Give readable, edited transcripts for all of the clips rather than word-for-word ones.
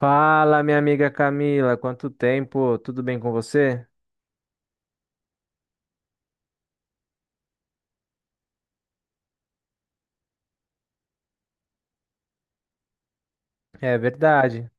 Fala, minha amiga Camila, quanto tempo? Tudo bem com você? É verdade.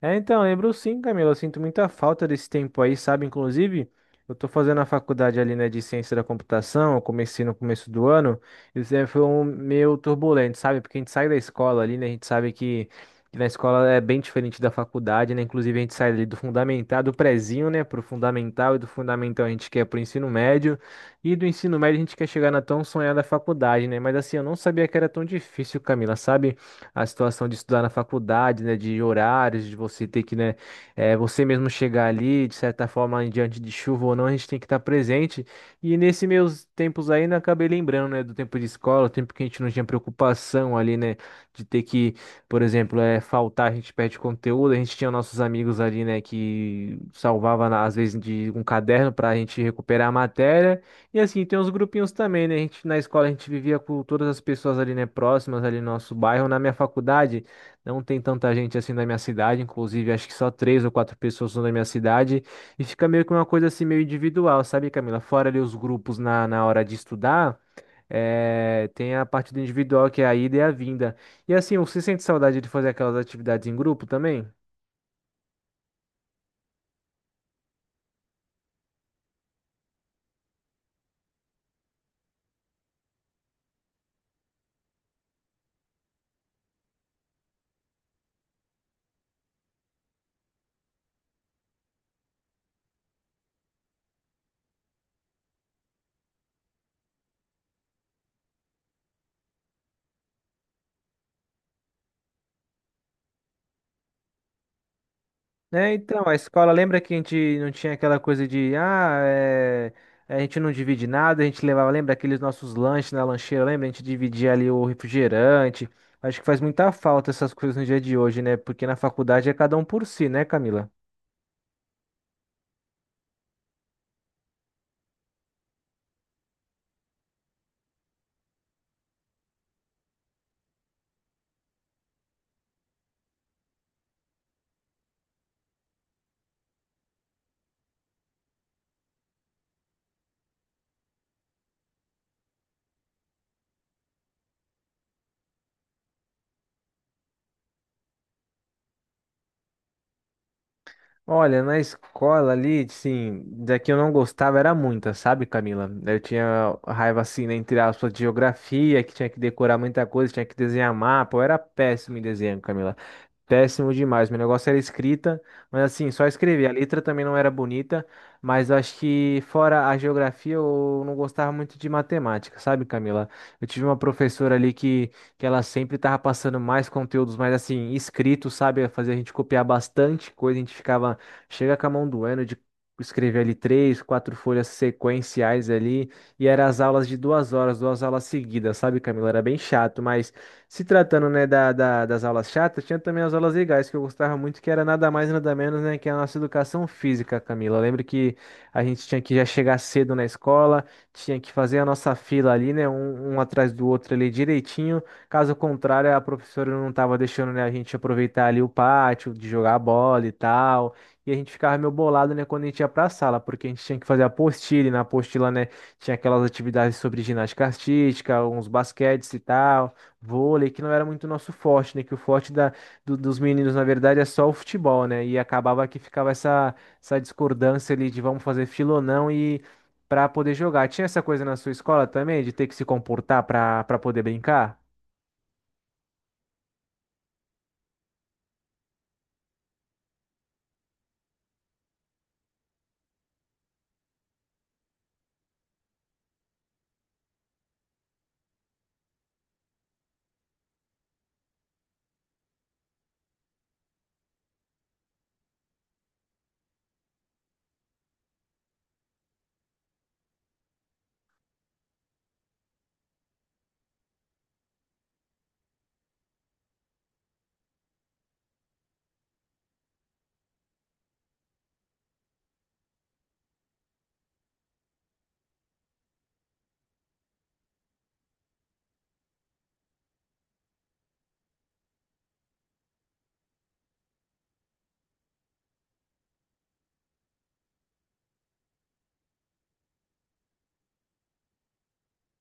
É, então, lembro sim, Camila. Eu sinto muita falta desse tempo aí, sabe? Inclusive, eu tô fazendo a faculdade ali, né, de ciência da computação. Eu comecei no começo do ano. Isso aí foi um meio turbulento, sabe? Porque a gente sai da escola ali, né? A gente sabe que na escola é bem diferente da faculdade, né? Inclusive, a gente sai ali do fundamental, do prezinho, né, pro fundamental. E do fundamental a gente quer pro ensino médio. E do ensino médio a gente quer chegar na tão sonhada faculdade, né? Mas assim, eu não sabia que era tão difícil, Camila, sabe? A situação de estudar na faculdade, né, de horários, de você ter que, né, você mesmo chegar ali, de certa forma, em diante de chuva ou não, a gente tem que estar presente. E nesse meus tempos aí, né, acabei lembrando, né, do tempo de escola, o tempo que a gente não tinha preocupação ali, né, de ter que, por exemplo, faltar, a gente perde conteúdo, a gente tinha nossos amigos ali, né, que salvava, às vezes, de um caderno para a gente recuperar a matéria. E assim, tem uns grupinhos também, né? A gente, na escola a gente vivia com todas as pessoas ali, né, próximas ali no nosso bairro. Na minha faculdade não tem tanta gente assim da minha cidade, inclusive acho que só três ou quatro pessoas são da minha cidade. E fica meio que uma coisa assim meio individual, sabe, Camila? Fora ali os grupos na hora de estudar. Tem a parte do individual que é a ida e a vinda. E assim, você sente saudade de fazer aquelas atividades em grupo também? É, então, a escola, lembra que a gente não tinha aquela coisa de, a gente não divide nada, a gente levava, lembra aqueles nossos lanches na lancheira, lembra? A gente dividia ali o refrigerante. Acho que faz muita falta essas coisas no dia de hoje, né? Porque na faculdade é cada um por si, né, Camila? Olha, na escola ali, sim, daqui eu não gostava era muita, sabe, Camila? Eu tinha raiva, assim, né, entre aspas, de geografia, que tinha que decorar muita coisa, tinha que desenhar mapa, eu era péssimo em desenho, Camila. Péssimo demais. Meu negócio era escrita, mas assim, só escrever. A letra também não era bonita, mas eu acho que fora a geografia, eu não gostava muito de matemática, sabe, Camila? Eu tive uma professora ali que ela sempre tava passando mais conteúdos, mas assim, escrito, sabe? Fazia a gente copiar bastante coisa, a gente ficava, chega com a mão doendo de escrever ali três, quatro folhas sequenciais ali, e eram as aulas de 2 horas, duas aulas seguidas, sabe, Camila? Era bem chato, mas. Se tratando, né, das aulas chatas, tinha também as aulas legais que eu gostava muito, que era nada mais, nada menos, né, que a nossa educação física, Camila. Eu lembro que a gente tinha que já chegar cedo na escola, tinha que fazer a nossa fila ali, né, um atrás do outro ali direitinho. Caso contrário, a professora não estava deixando, né, a gente aproveitar ali o pátio, de jogar bola e tal. E a gente ficava meio bolado, né, quando a gente ia pra sala, porque a gente tinha que fazer a apostila, e na apostila, né, tinha aquelas atividades sobre ginástica artística, uns basquetes e tal vôlei, que não era muito nosso forte, né? Que o forte da, dos meninos, na verdade, é só o futebol, né? E acabava que ficava essa discordância ali de vamos fazer fila ou não e para poder jogar. Tinha essa coisa na sua escola também, de ter que se comportar para poder brincar?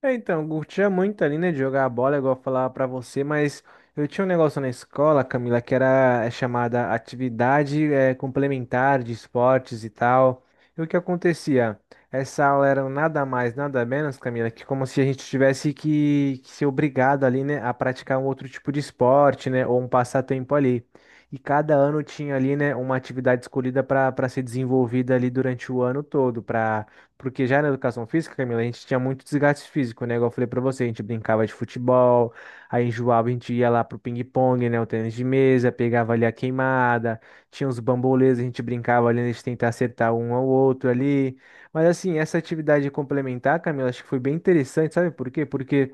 É, então, eu curtia muito ali, né, de jogar a bola, igual eu falava pra você, mas eu tinha um negócio na escola, Camila, que era chamada atividade complementar de esportes e tal. E o que acontecia? Essa aula era nada mais, nada menos, Camila, que como se a gente tivesse que ser obrigado ali, né, a praticar um outro tipo de esporte, né, ou um passatempo ali. E cada ano tinha ali, né, uma atividade escolhida para ser desenvolvida ali durante o ano todo, para porque já na educação física, Camila, a gente tinha muito desgaste físico, né? Igual eu falei pra você, a gente brincava de futebol, aí enjoava, a gente ia lá pro ping-pong, né? O tênis de mesa, pegava ali a queimada, tinha uns bambolês, a gente brincava ali, a gente tentar acertar um ao outro ali. Mas assim, essa atividade complementar, Camila, acho que foi bem interessante, sabe por quê? Porque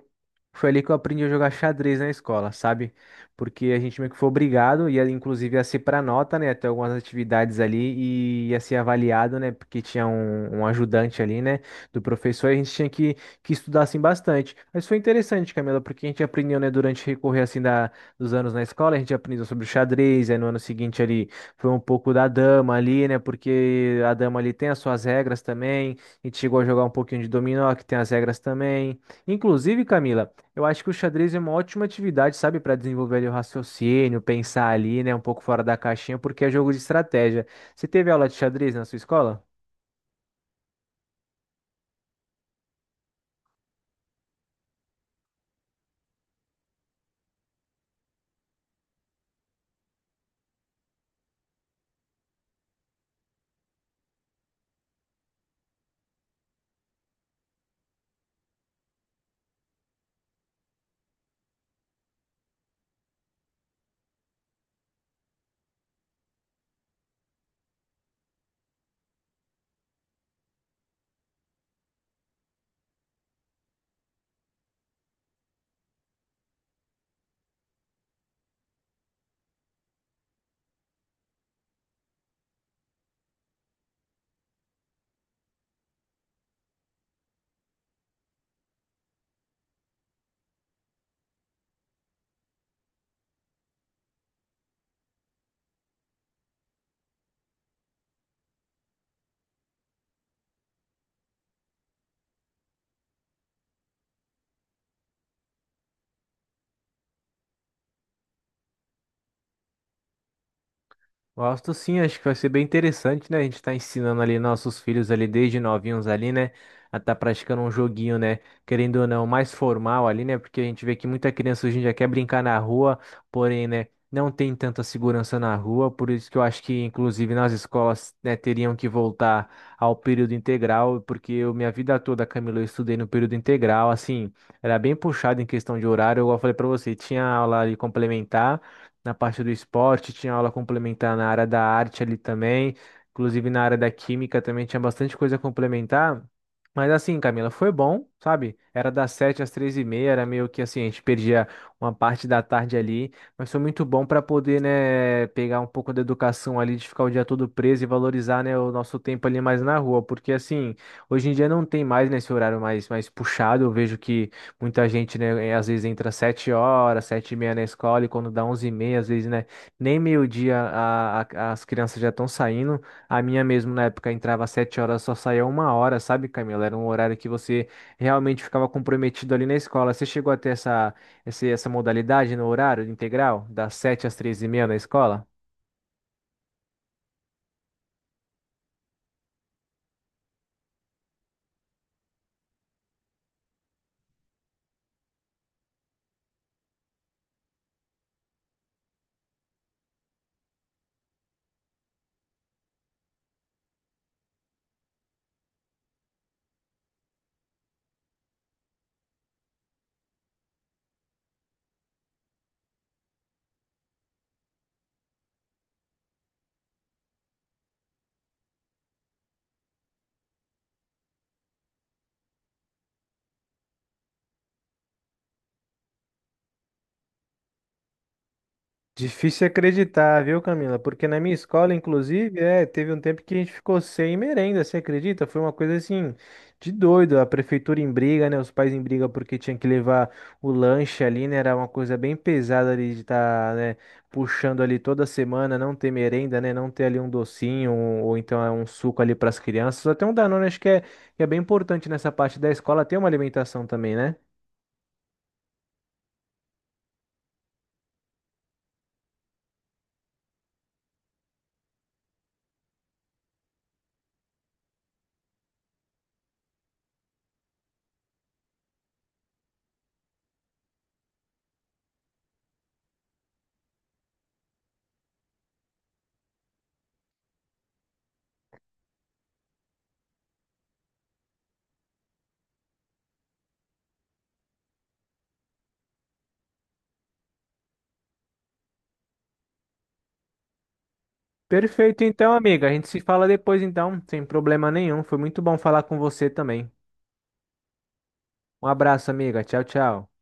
foi ali que eu aprendi a jogar xadrez na escola, sabe? Porque a gente meio que foi obrigado, ia, inclusive a ser para nota, né? Até algumas atividades ali e ia ser avaliado, né? Porque tinha um, ajudante ali, né? Do professor, e a gente tinha que estudar assim bastante. Mas foi interessante, Camila, porque a gente aprendeu, né, durante o recorrer assim dos anos na escola, a gente aprendeu sobre o xadrez, aí no ano seguinte ali foi um pouco da dama ali, né? Porque a dama ali tem as suas regras também, a gente chegou a jogar um pouquinho de dominó, que tem as regras também. Inclusive, Camila. Eu acho que o xadrez é uma ótima atividade, sabe, para desenvolver ali o raciocínio, pensar ali, né, um pouco fora da caixinha, porque é jogo de estratégia. Você teve aula de xadrez na sua escola? Gosto sim, acho que vai ser bem interessante, né? A gente tá ensinando ali nossos filhos ali desde novinhos ali, né? A tá praticando um joguinho, né? Querendo ou não, mais formal ali, né? Porque a gente vê que muita criança hoje em dia quer brincar na rua, porém, né? Não tem tanta segurança na rua, por isso que eu acho que, inclusive, nas escolas, né, teriam que voltar ao período integral, porque eu, minha vida toda, Camilo, eu estudei no período integral, assim, era bem puxado em questão de horário, igual eu falei pra você, tinha aula ali complementar na parte do esporte, tinha aula complementar na área da arte ali também, inclusive na área da química também tinha bastante coisa complementar. Mas assim, Camila, foi bom, sabe? Era das 7h às 15h30, era meio que assim, a gente perdia uma parte da tarde ali, mas foi muito bom para poder, né, pegar um pouco da educação ali, de ficar o dia todo preso e valorizar, né, o nosso tempo ali mais na rua, porque assim, hoje em dia não tem mais nesse horário mais, puxado, eu vejo que muita gente, né, às vezes entra 7h, 7h30 na escola e quando dá 11h30, às vezes, né, nem meio-dia as crianças já estão saindo. A minha mesmo, na época, entrava 7h, só saía 1h, sabe, Camila? Era um horário que você realmente ficava comprometido ali na escola. Você chegou a ter essa, essa modalidade no horário integral, das 7h às 15h30 na escola? Difícil acreditar, viu, Camila? Porque na minha escola, inclusive, teve um tempo que a gente ficou sem merenda, você acredita? Foi uma coisa assim de doido. A prefeitura em briga, né? Os pais em briga porque tinha que levar o lanche ali, né? Era uma coisa bem pesada ali de estar, né, puxando ali toda semana, não ter merenda, né? Não ter ali um docinho ou então é um suco ali para as crianças. Até um Danone, acho que é bem importante nessa parte da escola ter uma alimentação também, né? Perfeito, então, amiga. A gente se fala depois, então, sem problema nenhum. Foi muito bom falar com você também. Um abraço, amiga. Tchau, tchau.